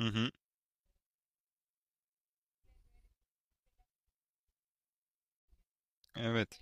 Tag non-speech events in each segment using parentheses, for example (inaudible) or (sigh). Hı hı, evet.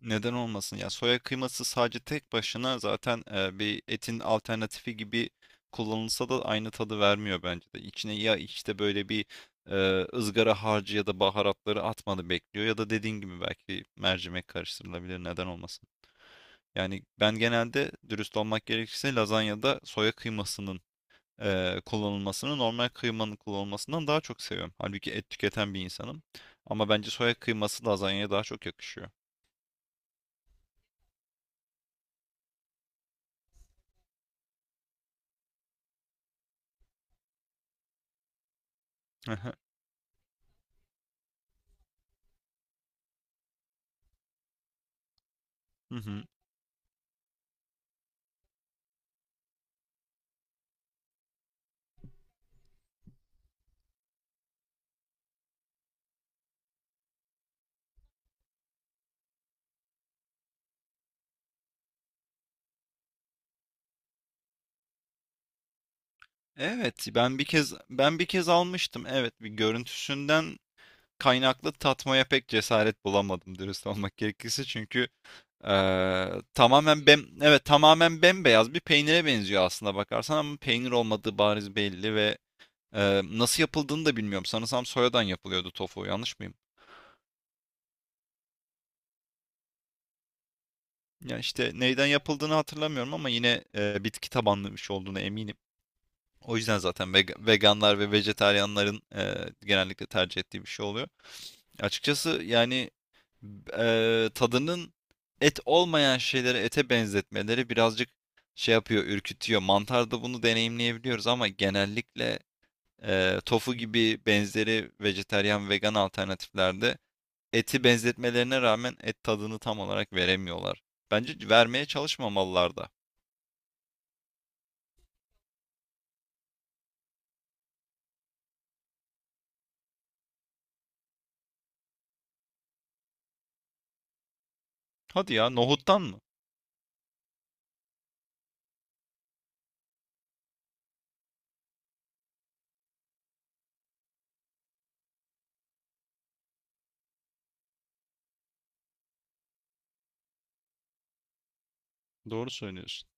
Neden olmasın? Ya soya kıyması sadece tek başına zaten bir etin alternatifi gibi kullanılsa da aynı tadı vermiyor bence de. İçine ya işte böyle bir e, ızgara harcı ya da baharatları atmanı bekliyor ya da dediğin gibi belki mercimek karıştırılabilir. Neden olmasın? Yani ben genelde dürüst olmak gerekirse lazanyada soya kıymasının kullanılmasını normal kıymanın kullanılmasından daha çok seviyorum. Halbuki et tüketen bir insanım. Ama bence soya kıyması lazanyaya daha çok yakışıyor. (laughs) Hı hı. Evet, ben bir kez almıştım. Evet, bir görüntüsünden kaynaklı tatmaya pek cesaret bulamadım dürüst olmak gerekirse. Çünkü tamamen evet tamamen bembeyaz bir peynire benziyor aslında bakarsan ama peynir olmadığı bariz belli ve nasıl yapıldığını da bilmiyorum. Sanırsam soyadan yapılıyordu tofu, yanlış mıyım? Ya işte neyden yapıldığını hatırlamıyorum ama yine bitki tabanlı bir şey olduğunu eminim. O yüzden zaten veganlar ve vejetaryenlerin genellikle tercih ettiği bir şey oluyor. Açıkçası yani tadının et olmayan şeyleri ete benzetmeleri birazcık şey yapıyor, ürkütüyor. Mantarda bunu deneyimleyebiliyoruz ama genellikle tofu gibi benzeri vejetaryen vegan alternatiflerde eti benzetmelerine rağmen et tadını tam olarak veremiyorlar. Bence vermeye çalışmamalılar da. Hadi ya, nohuttan mı? Doğru söylüyorsun.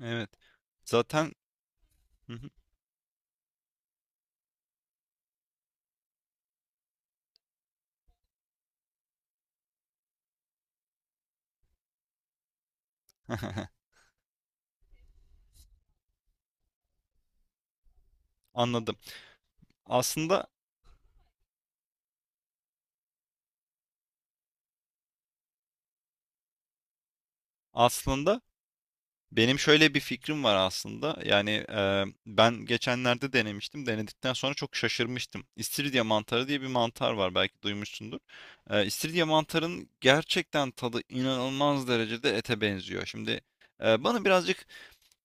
Evet. Zaten (laughs) anladım. Aslında aslında benim şöyle bir fikrim var aslında. Yani ben geçenlerde denemiştim. Denedikten sonra çok şaşırmıştım. İstiridye mantarı diye bir mantar var. Belki duymuşsundur. İstiridye mantarın gerçekten tadı inanılmaz derecede ete benziyor. Şimdi bana birazcık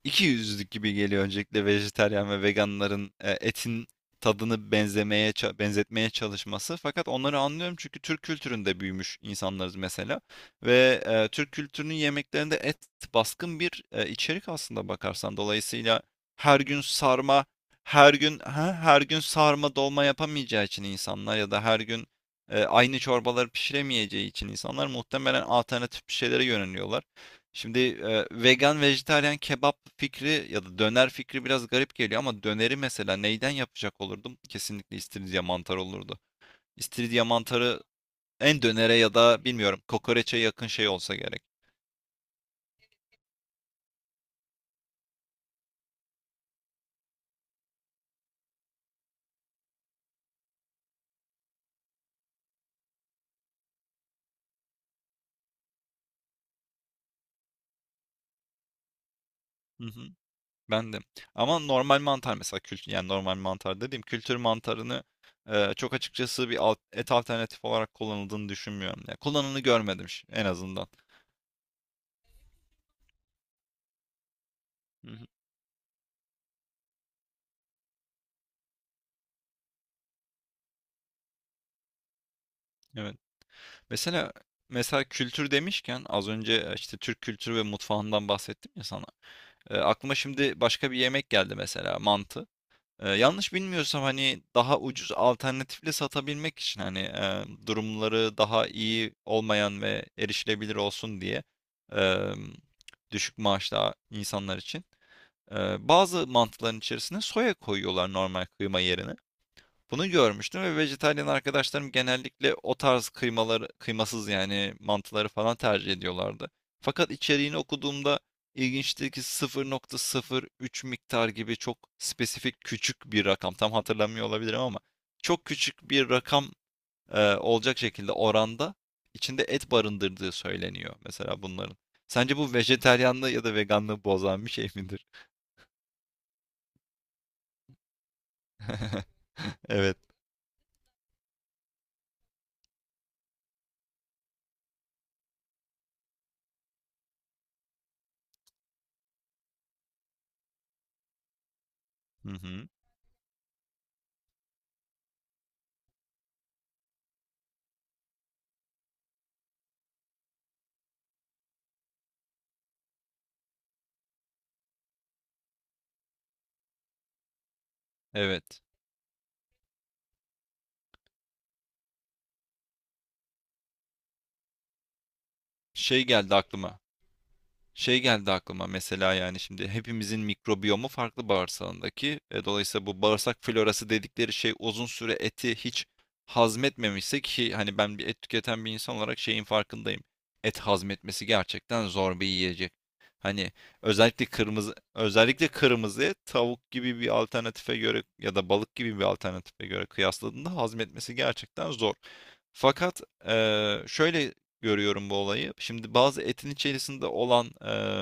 iki yüzlük gibi geliyor öncelikle vejetaryen ve veganların etin tadını benzetmeye çalışması. Fakat onları anlıyorum çünkü Türk kültüründe büyümüş insanlarız mesela ve Türk kültürünün yemeklerinde et baskın bir içerik aslında bakarsan. Dolayısıyla her gün sarma, her gün sarma dolma yapamayacağı için insanlar ya da her gün aynı çorbaları pişiremeyeceği için insanlar muhtemelen alternatif bir şeylere yöneliyorlar. Şimdi vegan, vejetaryen, kebap fikri ya da döner fikri biraz garip geliyor ama döneri mesela neyden yapacak olurdum? Kesinlikle istiridye mantarı olurdu. İstiridye mantarı en dönere ya da bilmiyorum kokoreçe yakın şey olsa gerek. Hı hı. Ben de. Ama normal mantar mesela kültür yani normal mantar dediğim kültür mantarını çok açıkçası bir et alternatif olarak kullanıldığını düşünmüyorum. Yani kullanımını görmedim en azından. Hı hı, evet. Mesela mesela kültür demişken az önce işte Türk kültürü ve mutfağından bahsettim ya sana. Aklıma şimdi başka bir yemek geldi mesela mantı. Yanlış bilmiyorsam, hani, daha ucuz alternatifle satabilmek için, hani, durumları daha iyi olmayan ve erişilebilir olsun diye, emm, düşük maaşlı insanlar için, bazı mantıların içerisine soya koyuyorlar normal kıyma yerine. Bunu görmüştüm ve vejetaryen arkadaşlarım genellikle o tarz kıymaları, kıymasız yani mantıları falan tercih ediyorlardı. Fakat içeriğini okuduğumda ilginçti ki 0,03 miktar gibi çok spesifik küçük bir rakam. Tam hatırlamıyor olabilirim ama çok küçük bir rakam olacak şekilde oranda içinde et barındırdığı söyleniyor mesela bunların. Sence bu vejetaryenliği ya da veganlığı bozan bir şey midir? (laughs) Evet. Hı hı. Evet. Şey geldi aklıma. Şey geldi aklıma mesela yani şimdi hepimizin mikrobiyomu farklı bağırsağındaki. Dolayısıyla bu bağırsak florası dedikleri şey uzun süre eti hiç hazmetmemişse ki hani ben bir et tüketen bir insan olarak şeyin farkındayım. Et hazmetmesi gerçekten zor bir yiyecek. Hani özellikle kırmızı et tavuk gibi bir alternatife göre ya da balık gibi bir alternatife göre kıyasladığında hazmetmesi gerçekten zor. Fakat şöyle görüyorum bu olayı. Şimdi bazı etin içerisinde olan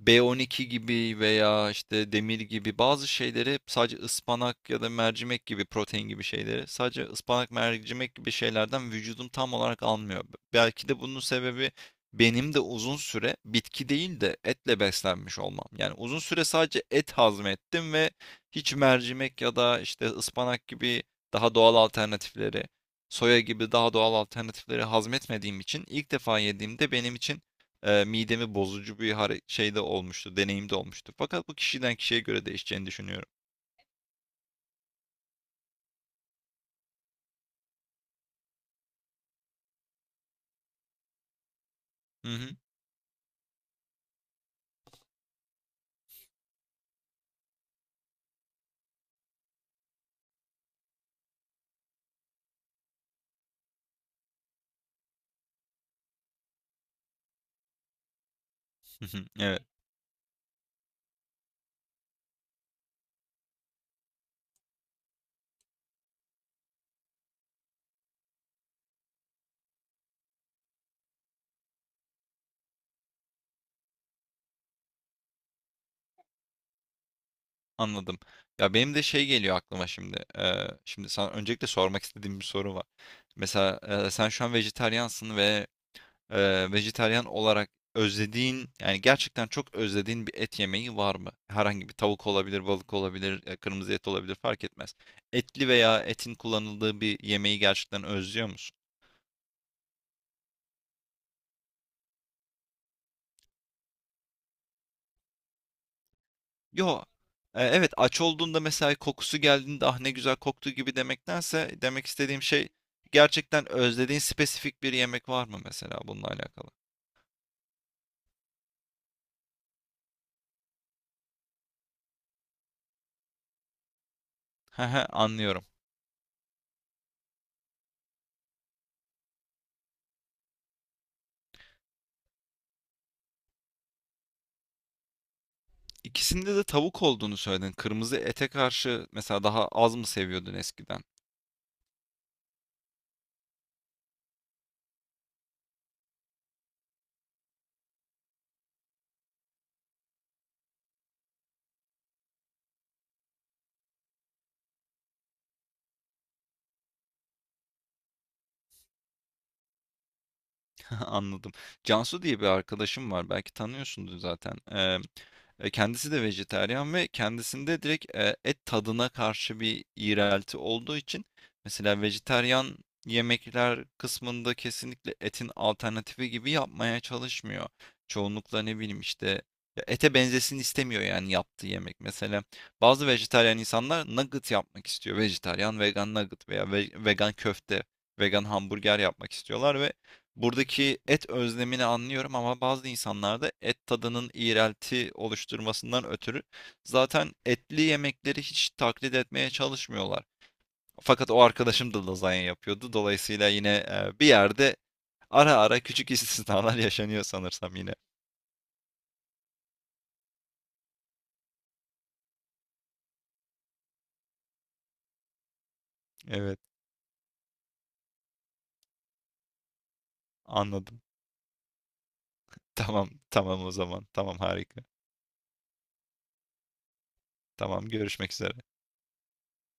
B12 gibi veya işte demir gibi bazı şeyleri sadece ıspanak ya da mercimek gibi protein gibi şeyleri sadece ıspanak mercimek gibi şeylerden vücudum tam olarak almıyor. Belki de bunun sebebi benim de uzun süre bitki değil de etle beslenmiş olmam. Yani uzun süre sadece et hazmettim ve hiç mercimek ya da işte ıspanak gibi daha doğal alternatifleri, soya gibi daha doğal alternatifleri hazmetmediğim için ilk defa yediğimde benim için midemi bozucu bir şey de olmuştu, deneyim de olmuştu. Fakat bu kişiden kişiye göre değişeceğini düşünüyorum. Hı hı, hı hı. Evet, anladım. Ya benim de şey geliyor aklıma şimdi. Şimdi sana öncelikle sormak istediğim bir soru var. Mesela sen şu an vejetaryansın ve vejetaryan olarak özlediğin, yani gerçekten çok özlediğin bir et yemeği var mı? Herhangi bir tavuk olabilir, balık olabilir, kırmızı et olabilir fark etmez. Etli veya etin kullanıldığı bir yemeği gerçekten özlüyor musun? Yo. Evet, aç olduğunda mesela kokusu geldiğinde ah ne güzel koktu gibi demektense demek istediğim şey gerçekten özlediğin spesifik bir yemek var mı mesela bununla alakalı? He he, anlıyorum. İkisinde de tavuk olduğunu söyledin. Kırmızı ete karşı mesela daha az mı seviyordun eskiden? (laughs) Anladım. Cansu diye bir arkadaşım var. Belki tanıyorsundur zaten. Kendisi de vejetaryen ve kendisinde direkt et tadına karşı bir iğrelti olduğu için mesela vejetaryen yemekler kısmında kesinlikle etin alternatifi gibi yapmaya çalışmıyor. Çoğunlukla ne bileyim işte ya ete benzesin istemiyor yani yaptığı yemek. Mesela bazı vejetaryen insanlar nugget yapmak istiyor. Vejetaryen vegan nugget veya vegan köfte, vegan hamburger yapmak istiyorlar ve buradaki et özlemini anlıyorum ama bazı insanlarda et tadının iğrelti oluşturmasından ötürü zaten etli yemekleri hiç taklit etmeye çalışmıyorlar. Fakat o arkadaşım da lazanya yapıyordu. Dolayısıyla yine bir yerde ara ara küçük istisnalar (laughs) yaşanıyor sanırsam yine. Evet, anladım. Tamam, tamam o zaman. Tamam, harika. Tamam, görüşmek üzere.